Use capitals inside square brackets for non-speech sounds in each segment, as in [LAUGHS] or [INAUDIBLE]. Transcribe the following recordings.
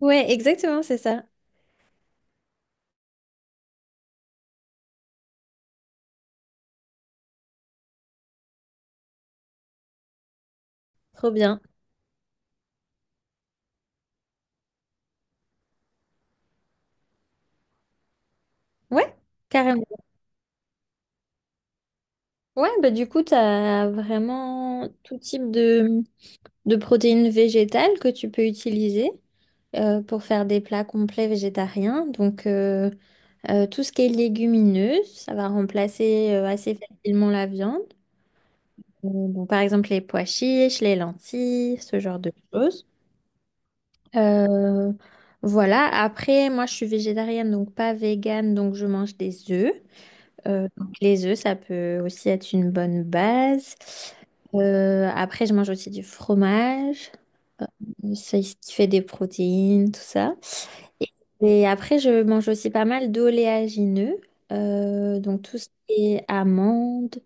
Ouais, exactement, c'est ça. Trop bien. Ouais, carrément. Ouais, bah du coup, tu as vraiment tout type de protéines végétales que tu peux utiliser pour faire des plats complets végétariens. Donc, tout ce qui est légumineux, ça va remplacer assez facilement la viande. Donc, par exemple, les pois chiches, les lentilles, ce genre de choses. Euh, voilà, après, moi, je suis végétarienne, donc pas végane, donc je mange des œufs. Donc les œufs, ça peut aussi être une bonne base. Après, je mange aussi du fromage, c'est ce qui fait des protéines, tout ça. Et, et après, je mange aussi pas mal d'oléagineux, donc tout ce qui est amandes,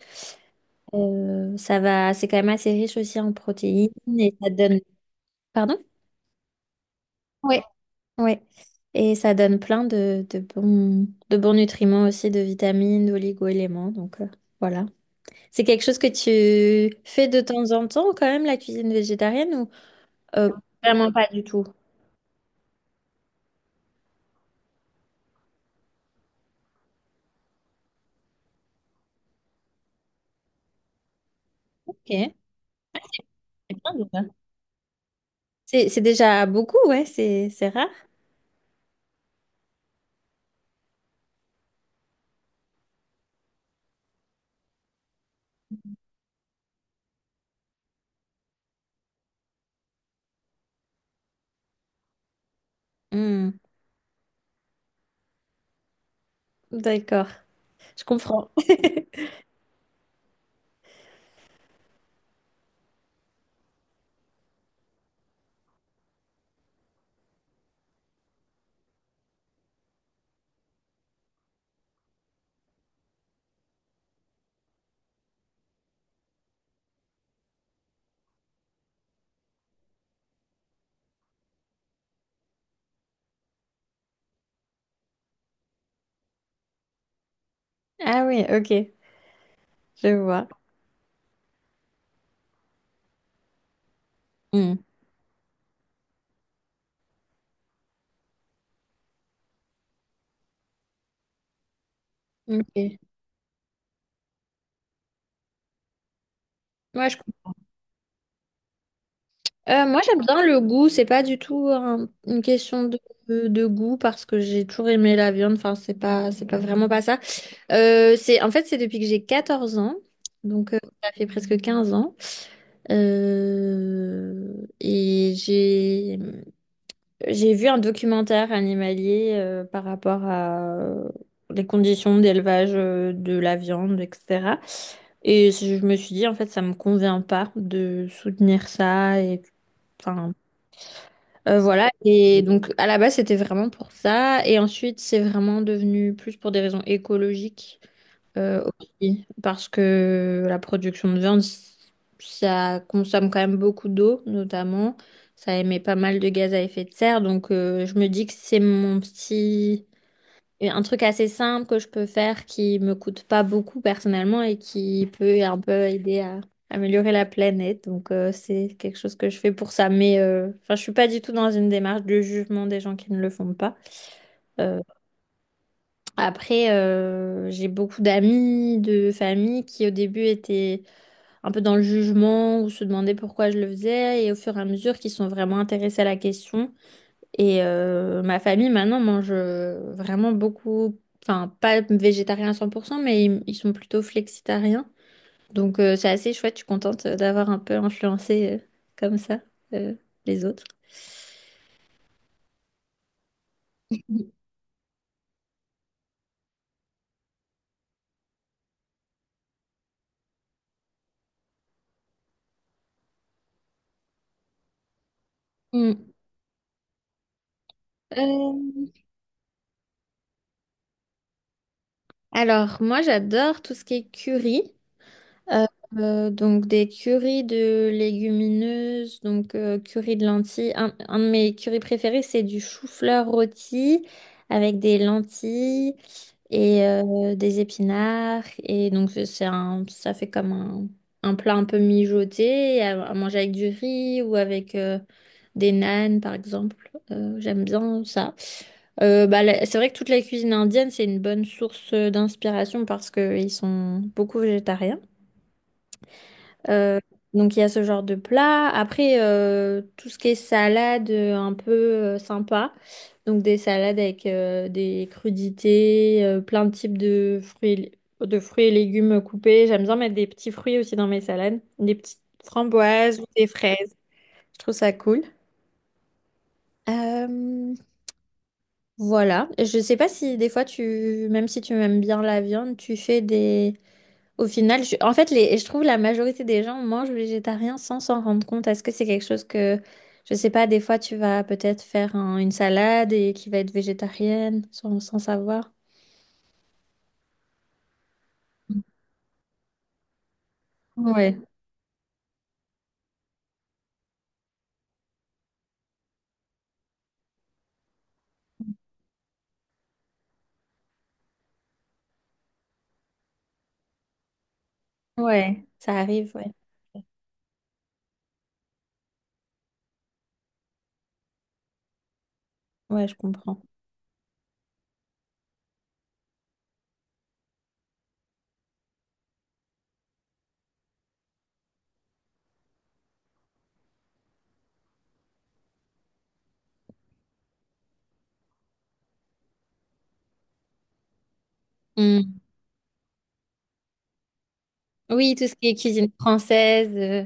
ça va, c'est quand même assez riche aussi en protéines et ça donne, pardon? Ouais, ouais. Et ça donne plein de bons nutriments aussi, de vitamines, d'oligo-éléments, donc voilà. C'est quelque chose que tu fais de temps en temps quand même, la cuisine végétarienne, ou euh, vraiment pas du tout? Ok, c'est bien déjà. C'est déjà beaucoup, ouais, c'est rare. Hmm. D'accord, je comprends. [LAUGHS] Ah oui, ok, je vois. Hmm. Ok. Ouais, je comprends. Moi, j'aime bien le goût, c'est pas du tout une question de, de goût parce que j'ai toujours aimé la viande, enfin, c'est pas vraiment pas ça. En fait, c'est depuis que j'ai 14 ans, donc ça fait presque 15 ans. Et j'ai vu un documentaire animalier par rapport à les conditions d'élevage de la viande, etc. Et je me suis dit, en fait, ça me convient pas de soutenir ça. Et, enfin, voilà. Et donc, à la base, c'était vraiment pour ça. Et ensuite, c'est vraiment devenu plus pour des raisons écologiques. Aussi, parce que la production de viande, ça consomme quand même beaucoup d'eau, notamment. Ça émet pas mal de gaz à effet de serre. Donc, je me dis que c'est mon petit. Un truc assez simple que je peux faire qui me coûte pas beaucoup personnellement et qui peut un peu aider à améliorer la planète. Donc, c'est quelque chose que je fais pour ça. Mais enfin, je suis pas du tout dans une démarche de jugement des gens qui ne le font pas. Euh, après, j'ai beaucoup d'amis, de famille qui au début étaient un peu dans le jugement ou se demandaient pourquoi je le faisais et au fur et à mesure qui sont vraiment intéressés à la question. Et ma famille maintenant mange vraiment beaucoup, enfin pas végétarien à 100%, mais ils sont plutôt flexitariens. Donc c'est assez chouette, je suis contente d'avoir un peu influencé comme ça euh, les autres. Mm. Euh, alors moi j'adore tout ce qui est curry. Euh, donc des currys de légumineuses, donc curry de lentilles. Un de mes currys préférés, c'est du chou-fleur rôti avec des lentilles et des épinards. Et donc ça fait comme un plat un peu mijoté à manger avec du riz ou avec des nanes par exemple. J'aime bien ça. Bah, c'est vrai que toute la cuisine indienne, c'est une bonne source d'inspiration parce qu'ils sont beaucoup végétariens. Euh, donc il y a ce genre de plat. Après, tout ce qui est salade un peu sympa. Donc des salades avec des crudités, plein de types de fruits et légumes coupés. J'aime bien mettre des petits fruits aussi dans mes salades, des petites framboises ou des fraises. Je trouve ça cool. Euh, voilà. Je sais pas si des fois même si tu aimes bien la viande, tu fais des. Au final, en fait, je trouve la majorité des gens mangent végétarien sans s'en rendre compte. Est-ce que c'est quelque chose que, je sais pas, des fois tu vas peut-être faire une salade et qui va être végétarienne sans savoir? Ouais, ouais, ça arrive, ouais. Ouais, je comprends. Mm. Oui, tout ce qui est cuisine française.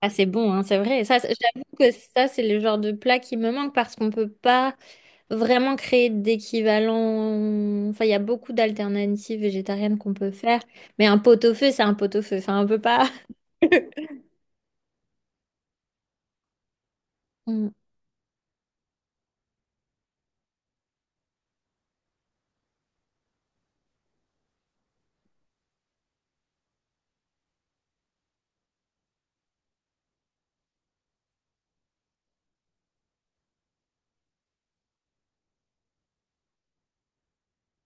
Ah, c'est bon, hein, c'est vrai. Ça, j'avoue que ça, c'est le genre de plat qui me manque parce qu'on peut pas vraiment créer d'équivalent. Enfin, il y a beaucoup d'alternatives végétariennes qu'on peut faire. Mais un pot-au-feu, c'est un pot-au-feu. Enfin, on peut pas. [LAUGHS] Mm.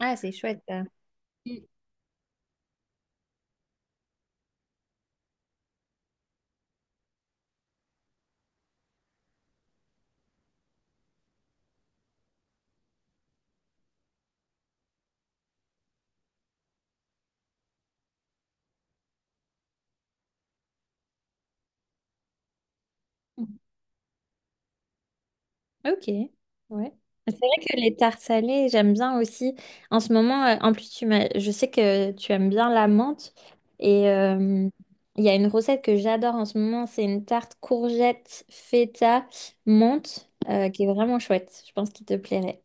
Ah, c'est chouette, ça. Mm. Ok, ouais. C'est vrai que les tartes salées, j'aime bien aussi. En ce moment, en plus, je sais que tu aimes bien la menthe. Et il y a une recette que j'adore en ce moment, c'est une tarte courgette, feta, menthe, qui est vraiment chouette. Je pense qu'il te plairait.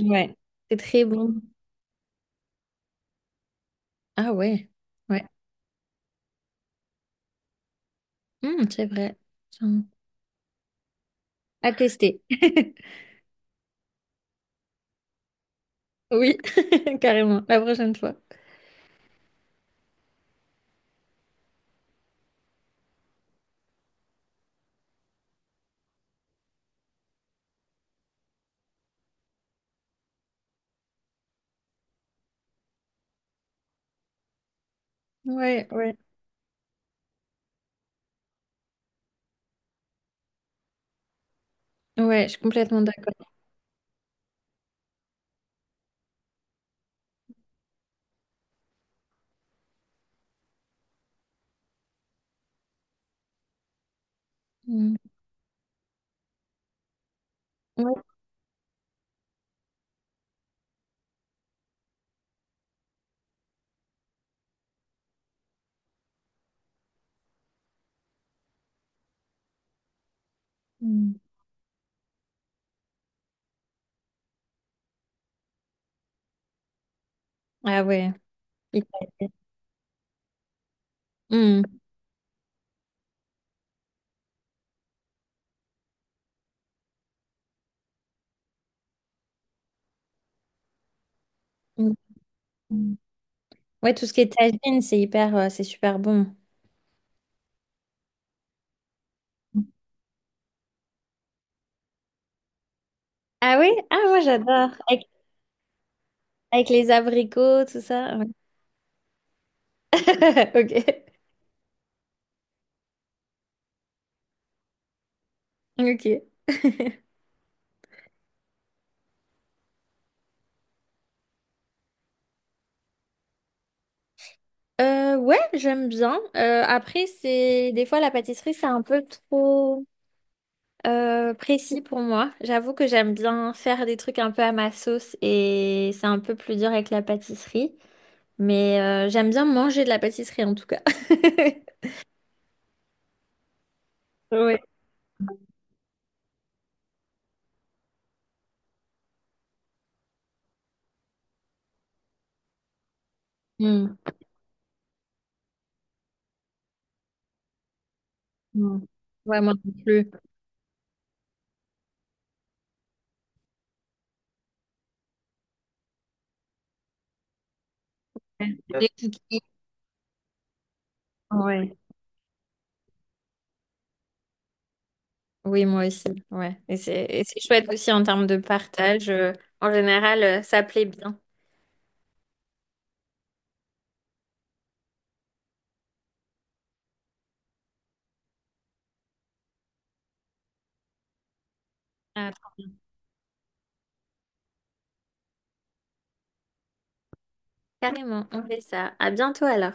Ouais. C'est très bon. Ah ouais, ouais. C'est vrai. Tiens. À tester. [LAUGHS] Oui, [LAUGHS] carrément, la prochaine fois. Ouais, ouais. Ouais, je suis complètement d'accord. Mm. Ouais. Mmh. Ah ouais. Italienne. Hmm. Hmm. Hmm. Ouais, tout ce qui est tagine, c'est hyper, c'est super bon. Ah oui? Ah, moi j'adore. Avec les abricots, tout ça. Ouais. [LAUGHS] Ok. Ok. Ouais, j'aime bien. Après, c'est des fois la pâtisserie, c'est un peu trop précis pour moi. J'avoue que j'aime bien faire des trucs un peu à ma sauce et c'est un peu plus dur avec la pâtisserie. Mais j'aime bien manger de la pâtisserie en tout cas. [LAUGHS] Ouais. Mm. Ouais, moi non plus. Euh, Les cookies. Ouais. Oui, moi aussi. Ouais. Et c'est chouette aussi en termes de partage. En général, ça plaît bien. Ah, carrément, on fait ça. À bientôt alors.